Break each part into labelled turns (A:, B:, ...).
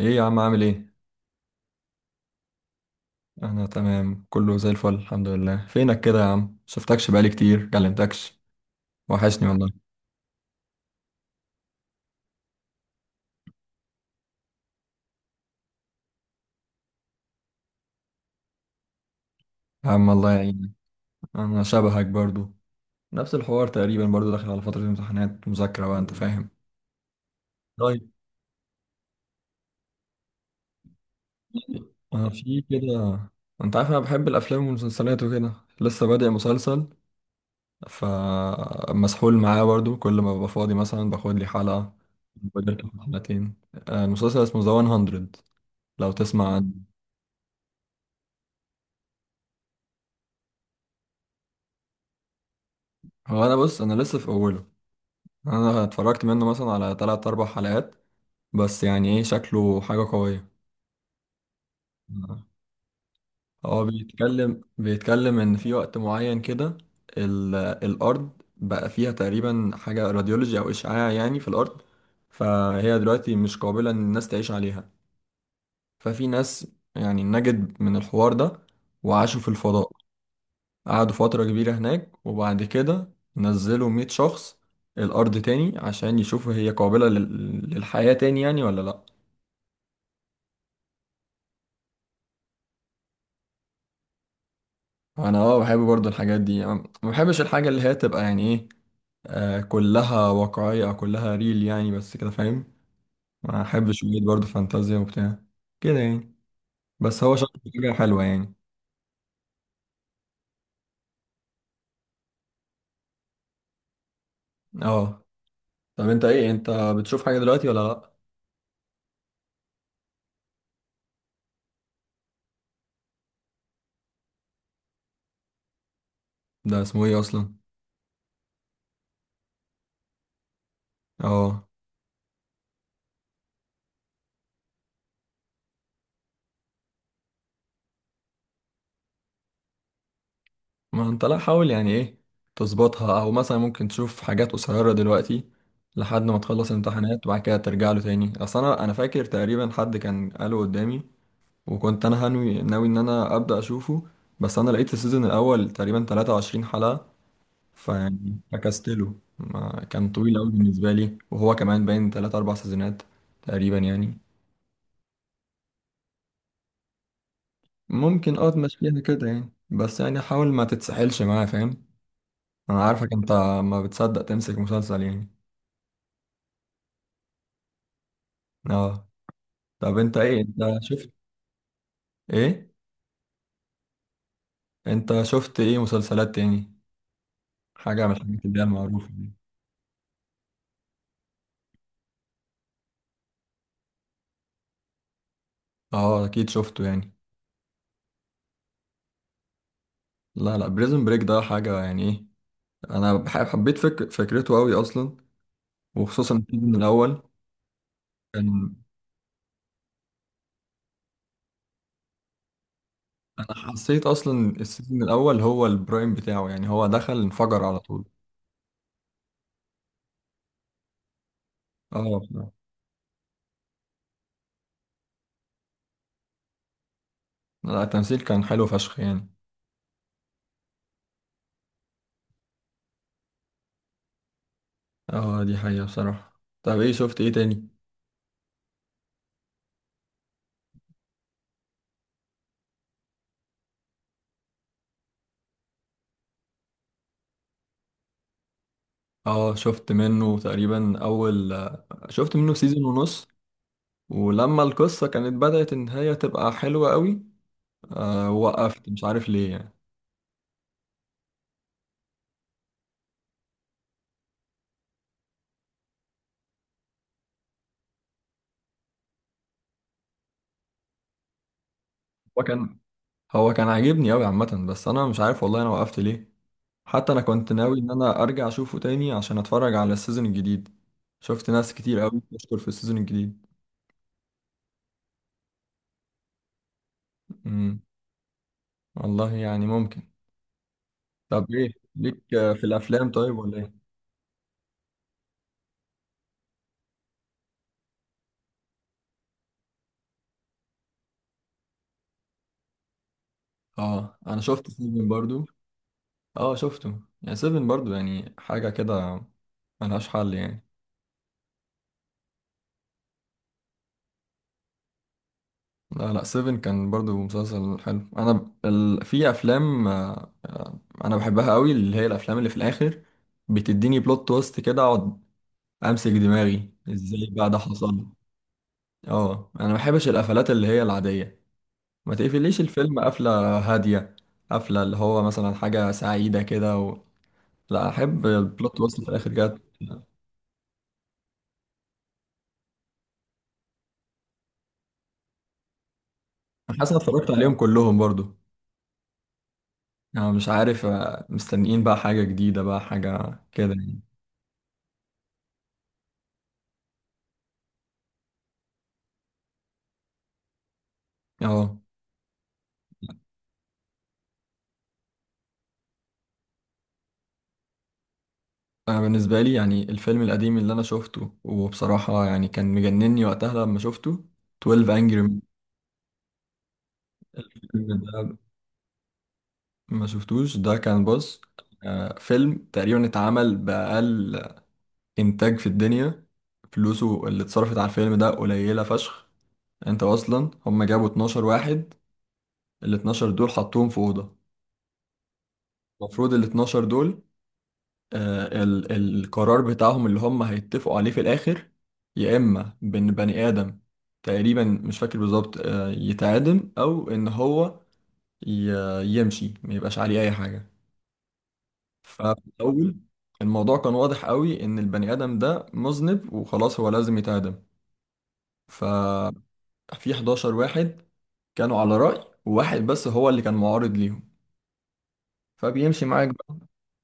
A: ايه يا عم، عامل ايه؟ انا تمام، كله زي الفل، الحمد لله. فينك كده يا عم؟ شفتكش بقالي كتير، كلمتكش. وحشني والله. يا عم، الله يعينك. انا شبهك برضو. نفس الحوار تقريبا برضو، داخل على فترة امتحانات مذاكرة بقى، انت فاهم. طيب. انا في كده. انت عارف انا بحب الافلام والمسلسلات وكده. لسه بادئ مسلسل. فمسحول معاه برضو، كل ما ببقى فاضي مثلا باخد لي حلقة. بدلت حلقتين. المسلسل اسمه ذا 100. لو تسمع عنه. هو انا بص، انا لسه في اوله. انا اتفرجت منه مثلا على تلات اربع حلقات. بس يعني ايه، شكله حاجة قوية. آه. هو بيتكلم ان في وقت معين كده. الارض بقى فيها تقريبا حاجة راديولوجي او اشعاع، يعني في الارض. فهي دلوقتي مش قابلة ان الناس تعيش عليها. ففي ناس، يعني نجد من الحوار ده، وعاشوا في الفضاء. قعدوا فترة كبيرة هناك، وبعد كده نزلوا 100 شخص الارض تاني، عشان يشوفوا هي قابلة للحياة تاني يعني ولا لا. انا اه بحب برضو الحاجات دي يعني. ما بحبش الحاجه اللي هي تبقى يعني ايه، كلها واقعيه او كلها ريل يعني، بس كده فاهم. ما احبش شويه، برضو فانتازيا وبتاع كده يعني. بس هو شكله حاجه حلوه يعني. اه، طب انت ايه، انت بتشوف حاجه دلوقتي ولا لا؟ ده اسمه ايه اصلا؟ اه، ما انت لا حاول يعني ايه، تظبطها، او مثلا ممكن تشوف حاجات قصيره دلوقتي لحد ما تخلص الامتحانات، وبعد كده ترجع له تاني. اصل انا فاكر تقريبا حد كان قاله قدامي، وكنت انا ناوي ان انا ابدا اشوفه. بس انا لقيت السيزون الاول تقريبا 23 حلقة، فيعني فكستله ما كان طويل قوي بالنسبة لي، وهو كمان باين 3 4 سيزونات تقريبا يعني. ممكن اه تمشيها كده يعني، بس يعني حاول ما تتسحلش معاه، فاهم. انا عارفك انت، ما بتصدق تمسك مسلسل يعني. اه، طب انت ايه، ايه انت شفت ايه مسلسلات تاني؟ حاجة من الحاجات اللي هي المعروفة دي؟ اه، اكيد شفته يعني. لا، لا، بريزون بريك ده حاجة يعني ايه. انا حبيت فكرته قوي اصلا، وخصوصا السيزون الاول. كان، انا حسيت اصلا السيزون الاول هو البرايم بتاعه، يعني هو دخل انفجر على طول. اه، بصراحة. لا، التمثيل كان حلو فشخ يعني. اه، دي حقيقة بصراحة. طب ايه، شفت ايه تاني؟ اه، شفت منه تقريبا اول شفت منه سيزون ونص. ولما القصة كانت بدأت ان هي تبقى حلوة قوي، وقفت، مش عارف ليه يعني. هو كان هو كان عاجبني قوي عامة، بس انا مش عارف والله انا وقفت ليه. حتى انا كنت ناوي ان انا ارجع اشوفه تاني عشان اتفرج على السيزون الجديد. شفت ناس كتير قوي بتشكر في السيزون الجديد. امم والله يعني ممكن. طب ايه، ليك في الافلام طيب ولا ايه؟ اه، انا شفت سيفن برضو. اه، شفته يعني، سيفن برضو يعني حاجة كده، ملهاش حل يعني. لا، لا، سيفن كان برضو مسلسل حلو. انا في افلام، انا بحبها قوي، اللي هي الافلام اللي في الاخر بتديني بلوت تويست كده، اقعد امسك دماغي، ازاي بقى ده حصل. اه، انا ما بحبش القفلات اللي هي العاديه. ما تقفليش الفيلم قفله هاديه، قفله اللي هو مثلا حاجه سعيده كده و، لا احب البلوت تويست في الاخر جت. انا حاسس إن اتفرجت عليهم كلهم برضو. انا مش عارف، مستنيين بقى حاجه جديده، بقى حاجه كده يعني. اه، انا بالنسبه لي يعني الفيلم القديم اللي انا شفته وبصراحه يعني كان مجنني وقتها لما شفته، 12 انجري Men. الفيلم ده، ما شفتوش؟ ده كان، بص، فيلم تقريبا اتعمل بأقل انتاج في الدنيا. فلوسه اللي اتصرفت على الفيلم ده قليلة فشخ. انت اصلا، هم جابوا 12 واحد. ال 12 دول حطوهم في أوضة. المفروض ال 12 دول، ال القرار بتاعهم اللي هم هيتفقوا عليه في الآخر، يا إما بإن بني آدم، تقريبا مش فاكر بالظبط، يتعدم، أو إن هو يمشي ما يبقاش عليه أي حاجة. ففي الأول الموضوع كان واضح قوي إن البني آدم ده مذنب وخلاص، هو لازم يتعدم. ف في 11 واحد كانوا على رأي، وواحد بس هو اللي كان معارض ليهم. فبيمشي معاك بقى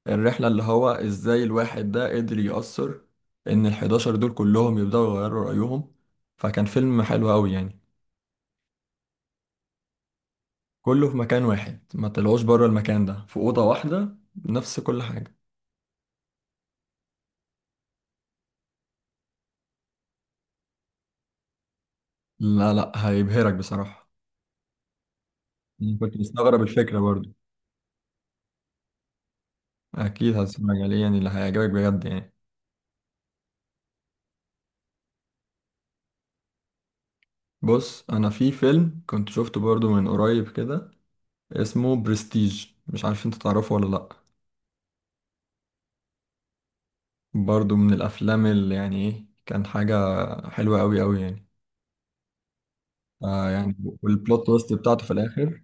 A: الرحلة، اللي هو ازاي الواحد ده قدر يأثر ان ال 11 دول كلهم يبدأوا يغيروا رأيهم. فكان فيلم حلو قوي يعني. كله في مكان واحد، ما طلعوش بره المكان ده، في أوضة واحدة، نفس كل حاجة. لا، لا، هيبهرك بصراحة. أنا كنت مستغرب الفكرة برضو. أكيد هتسمع عليه يعني، اللي هيعجبك بجد يعني. بص، أنا في فيلم كنت شفته برضو من قريب كده، اسمه برستيج، مش عارف انت تعرفه ولا لأ. برضو من الأفلام اللي يعني ايه، كان حاجة حلوة أوي أوي يعني. يعني، والبلوت تويست بتاعته في الآخر،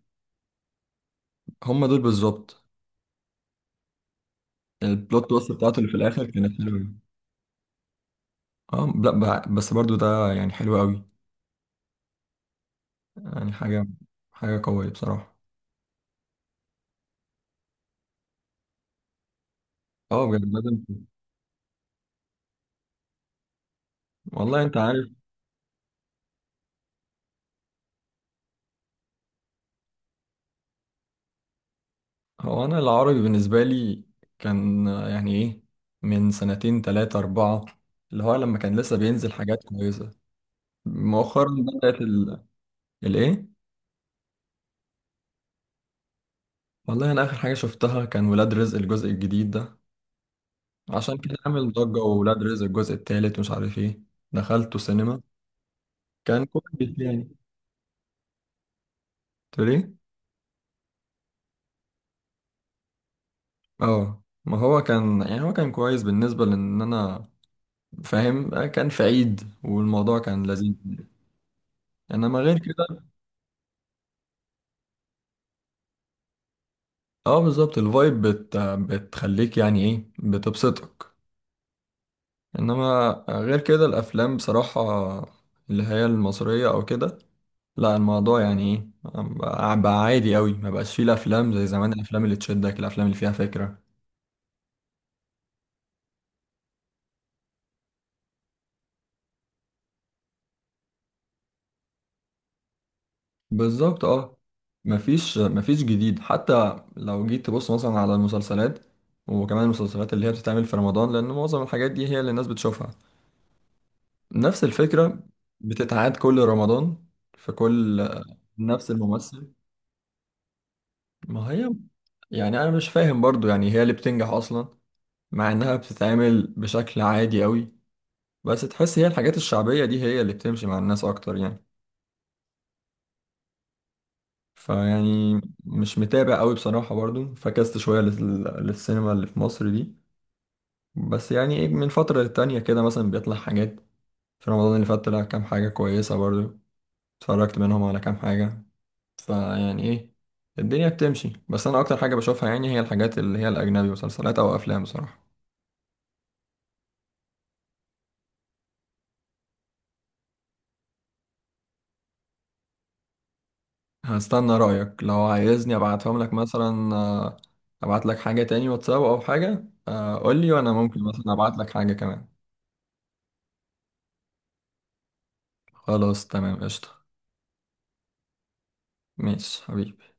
A: هم دول بالظبط. البلوت تويست بتاعته اللي في الآخر كانت حلوة أوي. اه، لا، بس برضو ده يعني حلو أوي، يعني حاجة، حاجة قوية بصراحة. اه، بجد لازم. والله انت عارف، هو أنا العربي بالنسبة لي كان، يعني ايه، من سنتين تلاتة أربعة، اللي هو لما كان لسه بينزل حاجات كويسة. مؤخرا بدأت الايه؟ والله انا اخر حاجة شفتها كان ولاد رزق الجزء الجديد ده، عشان كده عامل ضجة، وولاد رزق الجزء التالت ومش عارف ايه. دخلته سينما، كان كويس يعني. تقول ايه؟ اه، ما هو كان، يعني هو كان كويس بالنسبة لان انا فاهم، كان في عيد والموضوع كان لذيذ. انما غير كده، اه بالظبط، الفايب بتخليك يعني ايه، بتبسطك. انما غير كده الافلام بصراحة، اللي هي المصرية او كده، لا الموضوع يعني ايه، بقى عادي قوي، ما بقاش فيه الافلام زي زمان، الافلام اللي تشدك، الافلام اللي فيها فكرة. بالظبط اه، مفيش جديد، حتى لو جيت تبص مثلا على المسلسلات، وكمان المسلسلات اللي هي بتتعمل في رمضان، لان معظم الحاجات دي هي اللي الناس بتشوفها. نفس الفكرة بتتعاد كل رمضان، في كل، نفس الممثل. ما هي، يعني انا مش فاهم برضو يعني هي اللي بتنجح اصلا، مع انها بتتعمل بشكل عادي قوي. بس تحس هي الحاجات الشعبية دي هي اللي بتمشي مع الناس أكتر يعني. فيعني مش متابع أوي بصراحة، برضو فكست شوية للسينما اللي في مصر دي. بس يعني إيه، من فترة للتانية كده مثلا بيطلع حاجات. في رمضان اللي فات طلع كام حاجة كويسة برضو، اتفرجت منهم على كام حاجة. فيعني إيه، الدنيا بتمشي، بس أنا أكتر حاجة بشوفها يعني هي الحاجات اللي هي الأجنبي، مسلسلات أو أفلام بصراحة. هستنى رأيك لو عايزني ابعتهم لك مثلا، ابعت لك حاجة تاني واتساب او حاجة، قول لي وانا ممكن مثلا ابعت لك حاجة كمان. خلاص تمام، قشطة. ماشي حبيبي.